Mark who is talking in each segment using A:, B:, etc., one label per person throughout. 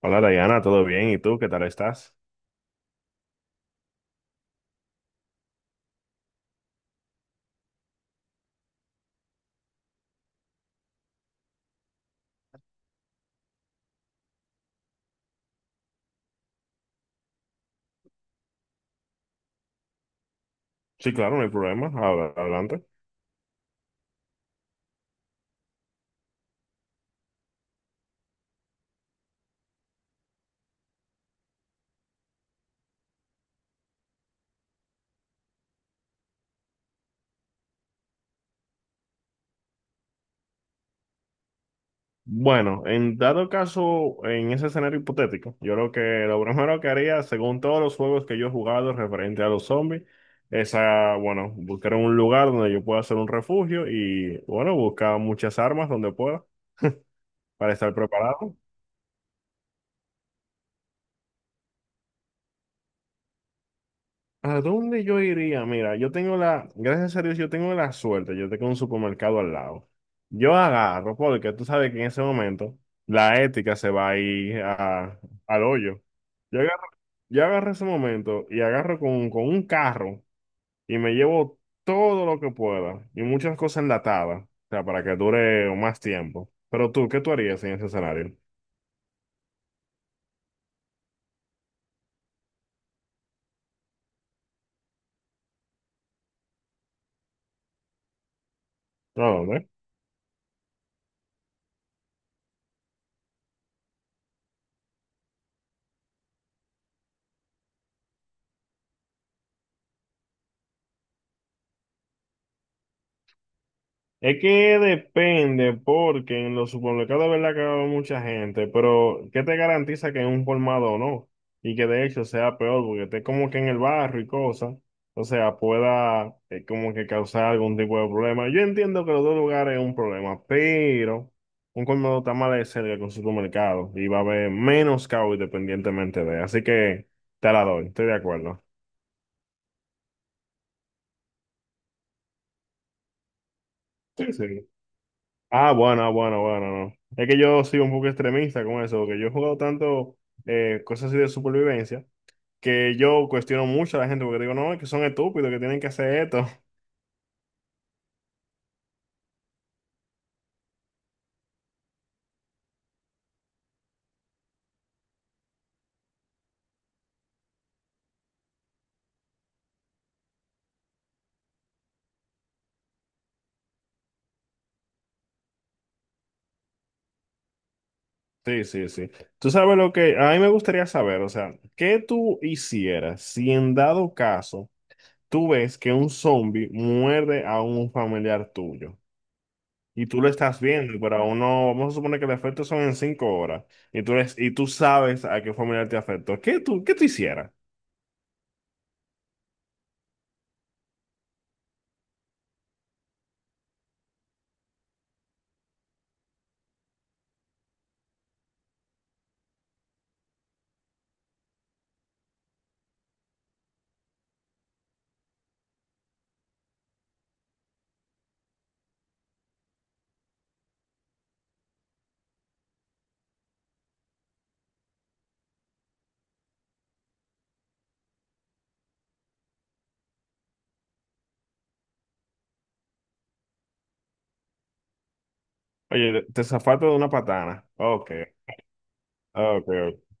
A: Hola Dayana, ¿todo bien? ¿Y tú qué tal estás? Sí, claro, no hay problema. Adelante. Bueno, en dado caso, en ese escenario hipotético, yo creo que lo primero que haría, según todos los juegos que yo he jugado referente a los zombies, es, ah, bueno, buscar un lugar donde yo pueda hacer un refugio y, bueno, buscar muchas armas donde pueda para estar preparado. ¿A dónde yo iría? Mira, yo tengo la, gracias a Dios, yo tengo la suerte, yo tengo un supermercado al lado. Yo agarro, porque tú sabes que en ese momento la ética se va a ir al hoyo. Yo agarro, yo agarro ese momento y agarro con un carro y me llevo todo lo que pueda y muchas cosas enlatadas, o sea, para que dure más tiempo. Pero tú, ¿qué tú harías en ese escenario? ¿A dónde? Es que depende, porque en los supermercados de verdad que va a haber mucha gente, pero ¿qué te garantiza que es un colmado no? Y que de hecho sea peor, porque esté como que en el barrio y cosas, o sea, pueda como que causar algún tipo de problema. Yo entiendo que los dos lugares es un problema, pero un colmado está más de cerca que un supermercado y va a haber menos caos independientemente de. Así que te la doy, estoy de acuerdo. Sí, sí. Ah, bueno, ah, bueno, bueno, no. Es que yo soy un poco extremista con eso, porque yo he jugado tanto cosas así de supervivencia que yo cuestiono mucho a la gente porque digo, no, es que son estúpidos, que tienen que hacer esto. Sí, sí, sí. Tú sabes lo que a mí me gustaría saber, o sea, ¿qué tú hicieras si en dado caso tú ves que un zombie muerde a un familiar tuyo y tú lo estás viendo, pero aún no, vamos a suponer que los efectos son en 5 horas y tú, y tú sabes a qué familiar te afectó, ¿qué tú hicieras? Oye, te zafaste de una patana. Ok, ok. Ok.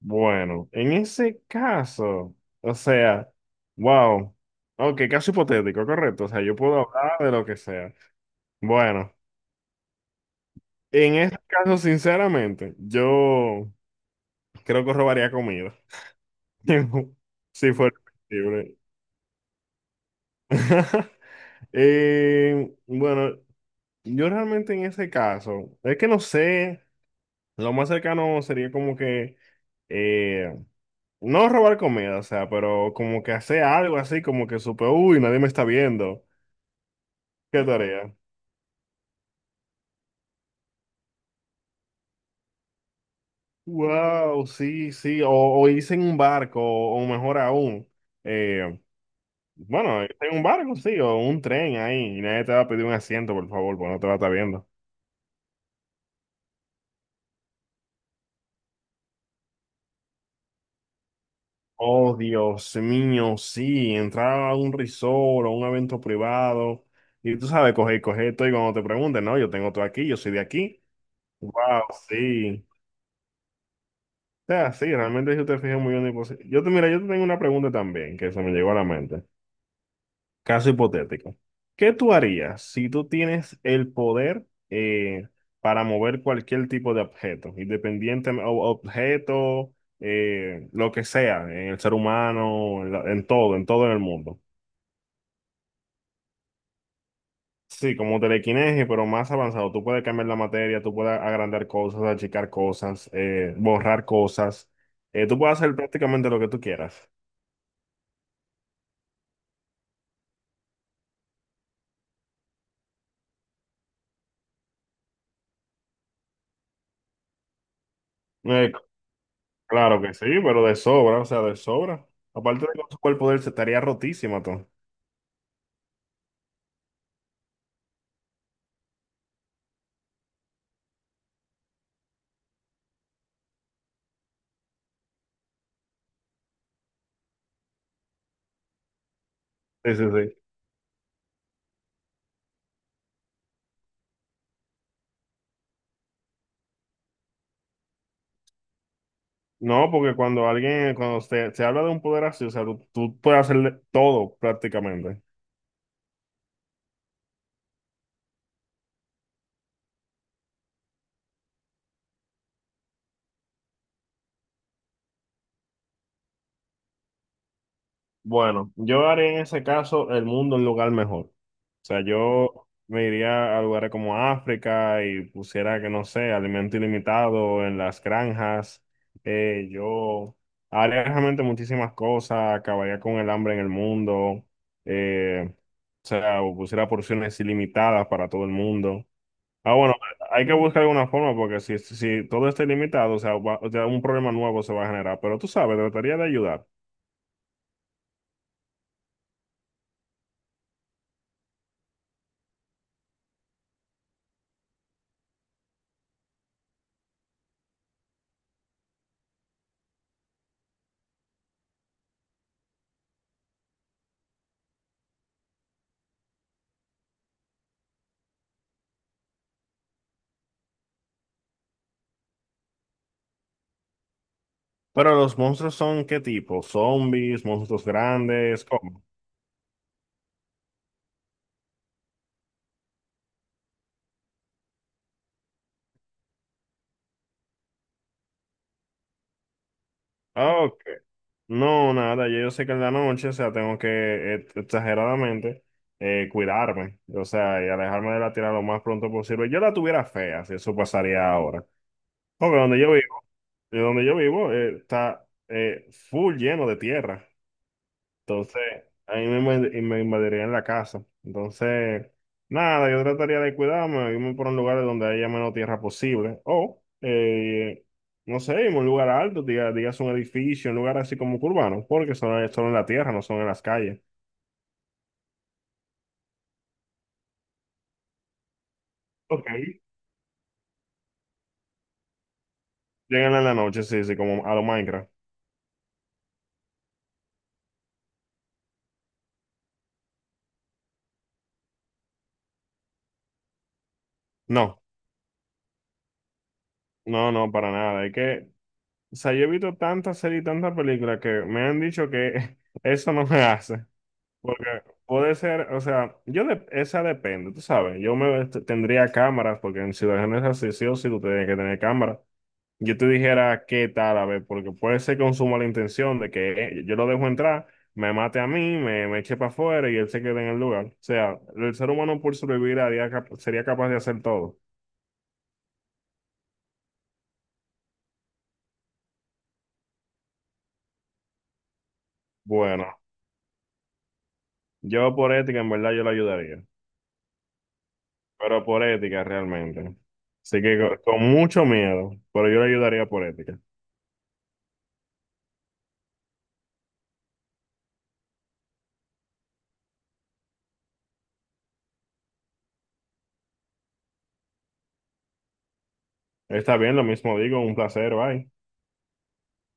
A: Bueno, en ese caso, o sea, wow. Ok, caso hipotético, correcto. O sea, yo puedo hablar de lo que sea. Bueno, en este caso, sinceramente, yo creo que robaría comida. Si fuera posible. Bueno, yo realmente en ese caso, es que no sé, lo más cercano sería como que eh, no robar comida, o sea, pero como que hacer algo así, como que supe, uy, nadie me está viendo. ¿Qué tarea? Wow, sí, sí, o irse en un barco, o mejor aún, eh, bueno, irse en un barco, sí, o un tren ahí, y nadie te va a pedir un asiento, por favor, porque no te va a estar viendo. Oh, Dios mío, sí, entrar a un resort o un evento privado, y tú sabes, coger esto, y cuando te pregunten, no, yo tengo todo aquí, yo soy de aquí. Wow, sí. sea, sí, realmente si usted fija muy bien, pues, yo te, mira, yo te tengo una pregunta también que se me llegó a la mente. Caso hipotético. ¿Qué tú harías si tú tienes el poder eh, para mover cualquier tipo de objeto, objeto, lo que sea, en el ser humano, en, en todo, en todo en el mundo? Sí, como telequinesis, pero más avanzado. Tú puedes cambiar la materia, tú puedes agrandar cosas, achicar cosas, borrar cosas. Tú puedes hacer prácticamente lo que tú quieras. Eh, Claro que sí, pero de sobra, o sea, de sobra. Aparte de que su cuerpo de él se estaría rotísima, todo. Sí, sí, sí. No, porque cuando alguien, cuando se habla de un poder así, o sea, tú puedes hacerle todo prácticamente. Bueno, yo haré en ese caso el mundo un lugar mejor. O sea, yo me iría a lugares como África y pusiera, que no sé, alimento ilimitado en las granjas. Yo haría realmente muchísimas cosas, acabaría con el hambre en el mundo. eh, o sea, o pusiera porciones ilimitadas para todo el mundo. Ah, bueno, hay que buscar alguna forma porque si, si todo está ilimitado, o sea, o sea, un problema nuevo se va a generar. Pero tú sabes, trataría de ayudar. Pero los monstruos son ¿qué tipo? ¿Zombies? ¿Monstruos grandes? ¿Cómo? Ah, ok. No, nada, ya yo sé que en la noche, o sea, tengo que exageradamente cuidarme, o sea, y alejarme de la tierra lo más pronto posible. Yo la tuviera fea, si eso pasaría ahora. Porque donde yo vivo está full lleno de tierra. Entonces, a mí me, y me invadirían la casa. Entonces, nada, yo trataría de cuidarme, irme por un lugar donde haya menos tierra posible. O, no sé, irme a un lugar alto, digas un edificio, un lugar así como urbano, porque son, son en la tierra, no son en las calles. Ok. Llegan en la noche, sí, sí, como a lo Minecraft. No, no, no, para nada. Es que, o sea, yo he visto tantas series y tantas películas que me han dicho que eso no me hace. Porque puede ser, o sea, esa depende, tú sabes, yo me tendría cámaras, porque en situaciones así sí o sí tú tienes que tener cámaras. Yo te dijera qué tal, a ver, porque puede ser con su la intención de que yo lo dejo entrar, me mate a mí, me eche para afuera y él se quede en el lugar. O sea, el ser humano por sobrevivir haría sería capaz de hacer todo. Bueno, yo por ética en verdad yo lo ayudaría, pero por ética realmente. Así que con mucho miedo, pero yo le ayudaría por ética. Está bien, lo mismo digo, un placer, bye.